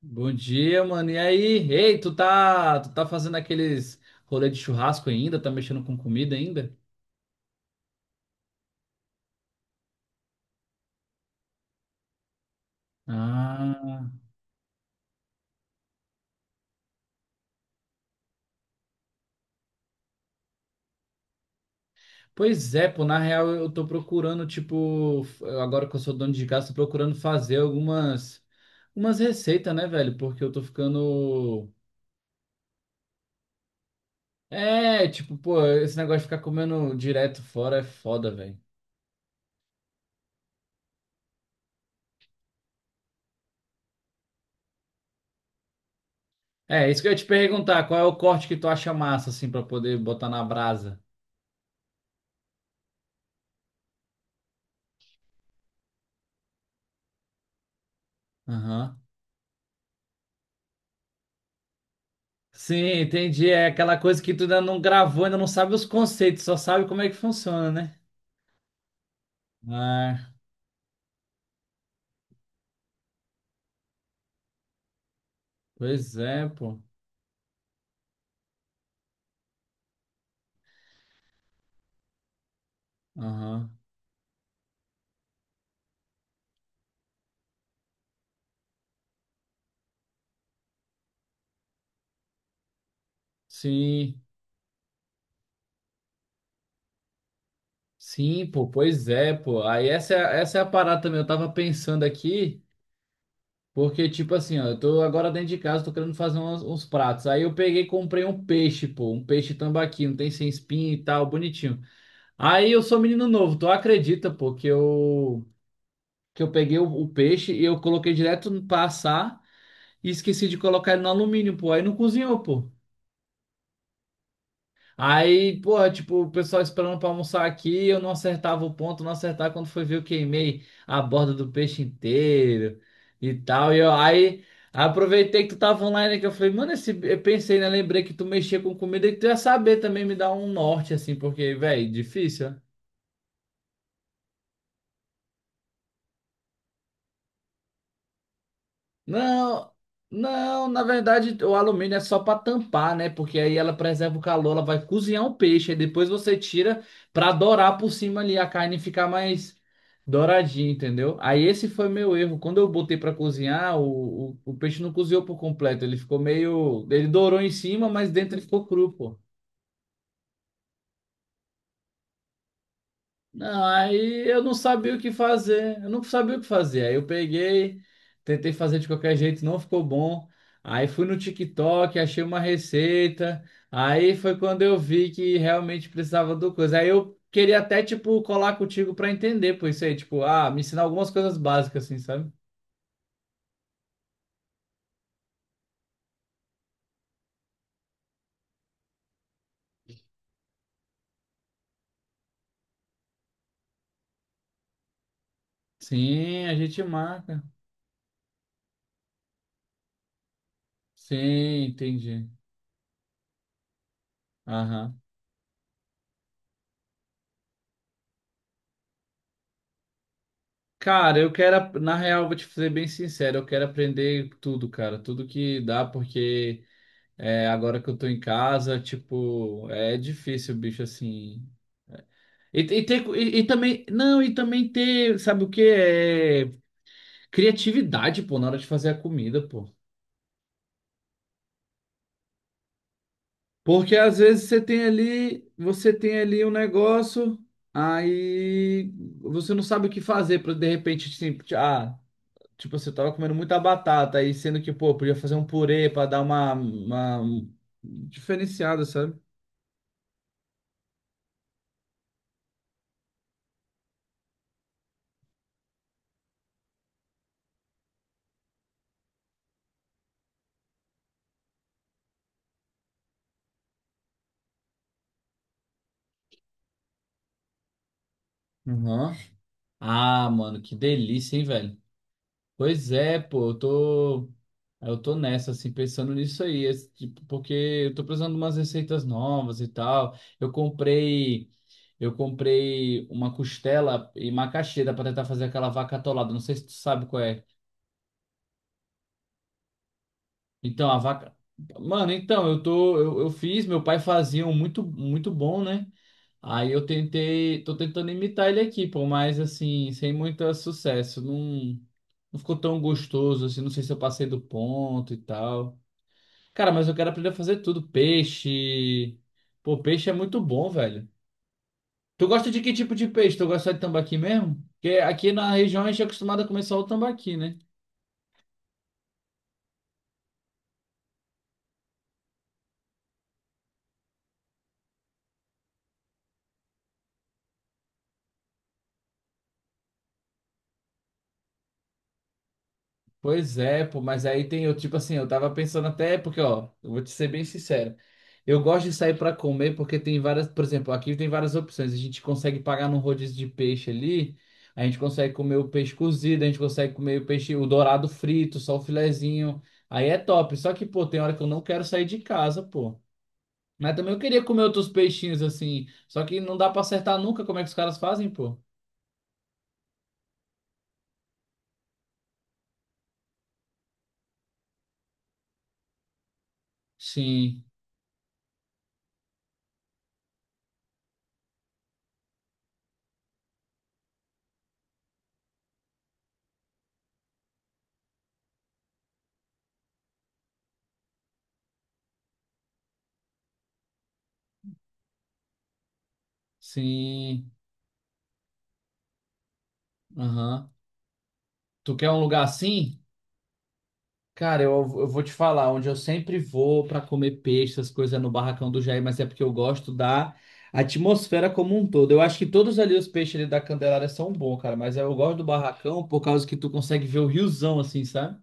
Bom dia, mano. E aí? Ei, tu tá fazendo aqueles rolê de churrasco ainda? Tá mexendo com comida ainda? Ah, pois é, pô, na real eu tô procurando, tipo, agora que eu sou dono de casa, tô procurando fazer algumas receitas, né, velho? Porque eu tô ficando é, tipo, pô, esse negócio de ficar comendo direto fora é foda, velho. É, isso que eu ia te perguntar, qual é o corte que tu acha massa assim pra poder botar na brasa? Aham. Sim, entendi. É aquela coisa que tu ainda não gravou, ainda não sabe os conceitos, só sabe como é que funciona, né? Ah, pois é, pô. Aham. Sim, sim, pô, pois é, pô. Aí essa, essa é a parada também. Eu tava pensando aqui, porque, tipo assim, ó, eu tô agora dentro de casa, tô querendo fazer uns pratos. Aí eu peguei e comprei um peixe, pô, um peixe tambaqui, não tem sem espinha e tal, bonitinho. Aí eu sou menino novo, tu acredita, pô, que eu peguei o peixe e eu coloquei direto no passar. E esqueci de colocar ele no alumínio, pô. Aí não cozinhou, pô. Aí, pô, tipo, o pessoal esperando pra almoçar aqui, eu não acertava o ponto, não acertava quando foi ver, eu queimei a borda do peixe inteiro e tal. E eu, aí aproveitei que tu tava online que eu falei, mano, esse, eu pensei, né? Lembrei que tu mexia com comida e que tu ia saber também me dar um norte, assim, porque, velho, difícil. Não, não, na verdade o alumínio é só para tampar, né? Porque aí ela preserva o calor, ela vai cozinhar o peixe, aí depois você tira para dourar por cima ali, a carne ficar mais douradinha, entendeu? Aí esse foi meu erro. Quando eu botei para cozinhar, o peixe não cozinhou por completo, ele ficou meio. Ele dourou em cima, mas dentro ele ficou cru, pô. Não, aí eu não sabia o que fazer, eu não sabia o que fazer. Aí eu peguei, tentei fazer de qualquer jeito, não ficou bom. Aí fui no TikTok, achei uma receita. Aí foi quando eu vi que realmente precisava do coisa. Aí eu queria até, tipo, colar contigo pra entender, por isso aí, tipo, ah, me ensinar algumas coisas básicas, assim, sabe? Sim, a gente marca. Sim, entendi. Aham. Cara, eu quero, na real, vou te ser bem sincero, eu quero aprender tudo, cara, tudo que dá, porque é, agora que eu tô em casa, tipo, é difícil, bicho, assim. E, ter, e Também, não, e também ter, sabe o que? É criatividade, pô, na hora de fazer a comida, pô. Porque às vezes você tem ali um negócio, aí você não sabe o que fazer para de repente, assim, ah, tipo, você tava comendo muita batata, aí sendo que, pô, podia fazer um purê para dar uma diferenciada, sabe? Uhum. Ah, mano, que delícia, hein, velho? Pois é, pô, eu tô nessa, assim, pensando nisso aí, esse tipo, porque eu tô precisando de umas receitas novas e tal. Eu comprei uma costela e macaxeira pra tentar fazer aquela vaca atolada, não sei se tu sabe qual é. Então, a vaca... Mano, então, eu fiz, meu pai fazia um muito, muito bom, né? Aí eu tentei, tô tentando imitar ele aqui, pô, mas assim, sem muito sucesso, não, não ficou tão gostoso, assim, não sei se eu passei do ponto e tal. Cara, mas eu quero aprender a fazer tudo. Peixe. Pô, peixe é muito bom, velho. Tu gosta de que tipo de peixe? Tu gosta de tambaqui mesmo? Porque aqui na região a gente é acostumado a comer só o tambaqui, né? Pois é, pô, mas aí tem eu, tipo assim, eu tava pensando até, porque, ó, eu vou te ser bem sincero. Eu gosto de sair pra comer porque tem várias, por exemplo, aqui tem várias opções. A gente consegue pagar num rodízio de peixe ali, a gente consegue comer o peixe cozido, a gente consegue comer o peixe, o dourado frito, só o filezinho. Aí é top. Só que, pô, tem hora que eu não quero sair de casa, pô. Mas também eu queria comer outros peixinhos assim, só que não dá pra acertar nunca como é que os caras fazem, pô. Sim, sim. Aham. Tu quer um lugar assim? Cara, eu vou te falar, onde eu sempre vou para comer peixe, essas coisas é no barracão do Jair, mas é porque eu gosto da atmosfera como um todo. Eu acho que todos ali os peixes ali da Candelária são bons, cara, mas eu gosto do barracão por causa que tu consegue ver o riozão assim, sabe?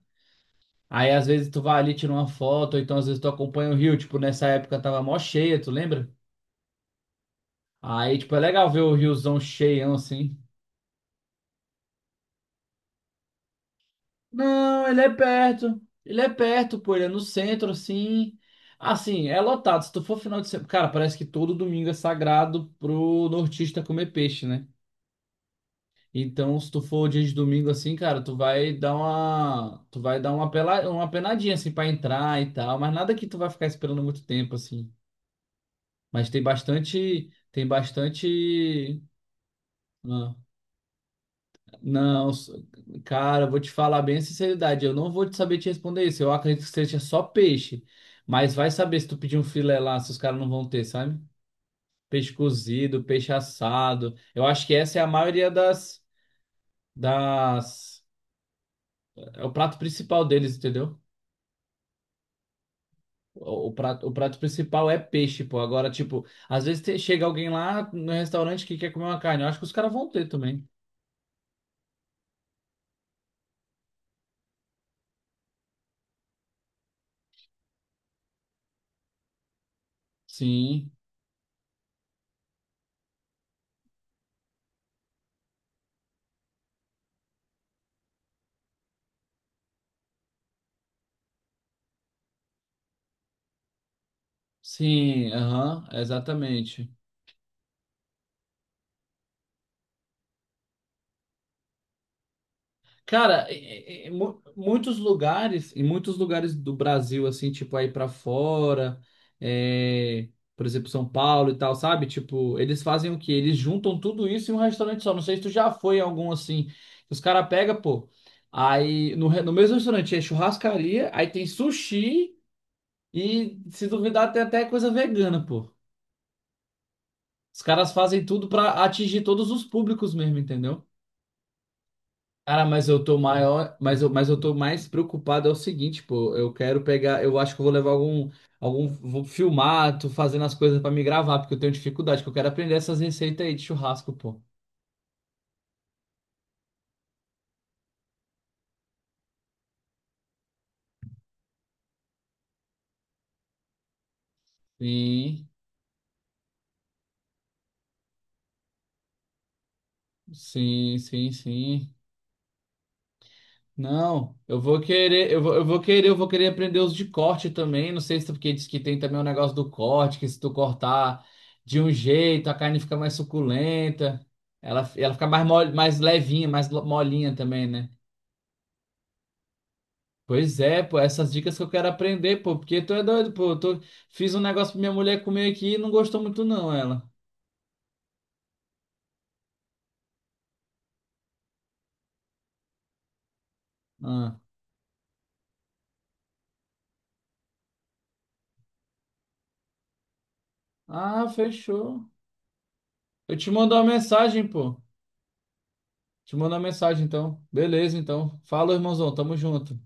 Aí às vezes tu vai ali, tira uma foto, ou então às vezes tu acompanha o rio, tipo nessa época tava mó cheia, tu lembra? Aí tipo é legal ver o riozão cheião assim. Não, ele é perto. Ele é perto, pô. Ele é no centro, assim. Assim, é lotado. Se tu for final de semana. Cara, parece que todo domingo é sagrado pro nortista comer peixe, né? Então, se tu for dia de domingo assim, cara, tu vai dar uma. Tu vai dar uma, pela... uma penadinha, assim, pra entrar e tal. Mas nada que tu vai ficar esperando muito tempo, assim. Mas tem bastante. Tem bastante. Ah, não, cara, eu vou te falar bem a sinceridade, eu não vou te saber te responder isso. Eu acredito que seja só peixe, mas vai saber se tu pedir um filé lá, se os caras não vão ter, sabe? Peixe cozido, peixe assado. Eu acho que essa é a maioria das, é o prato principal deles, entendeu? O prato principal é peixe, pô. Agora, tipo, às vezes chega alguém lá no restaurante que quer comer uma carne. Eu acho que os caras vão ter também. Sim, sim, aham, exatamente. Cara, muitos lugares, em muitos lugares do Brasil, assim, tipo, aí pra fora, é, por exemplo, São Paulo e tal, sabe? Tipo, eles fazem o quê? Eles juntam tudo isso em um restaurante só. Não sei se tu já foi em algum assim. Os caras pegam, pô, aí no, re- no mesmo restaurante é churrascaria, aí tem sushi e, se duvidar, tem até coisa vegana, pô. Os caras fazem tudo pra atingir todos os públicos mesmo, entendeu? Cara, mas eu tô maior, mas eu tô mais preocupado é o seguinte, pô, eu quero pegar, eu acho que eu vou levar vou filmar, tô fazendo as coisas pra me gravar, porque eu tenho dificuldade, que eu quero aprender essas receitas aí de churrasco, pô. Sim, sim, sim, sim. Não, eu vou querer, eu vou querer aprender os de corte também, não sei se é porque diz que tem também o negócio do corte, que se tu cortar de um jeito, a carne fica mais suculenta, ela fica mais, mole, mais levinha, mais molinha também, né? Pois é, pô, essas dicas que eu quero aprender, pô, porque tu é doido, pô, eu tô... fiz um negócio pra minha mulher comer aqui e não gostou muito não, ela. Ah, ah, fechou. Eu te mando uma mensagem, pô. Te mando uma mensagem, então. Beleza, então. Fala, irmãozão, tamo junto.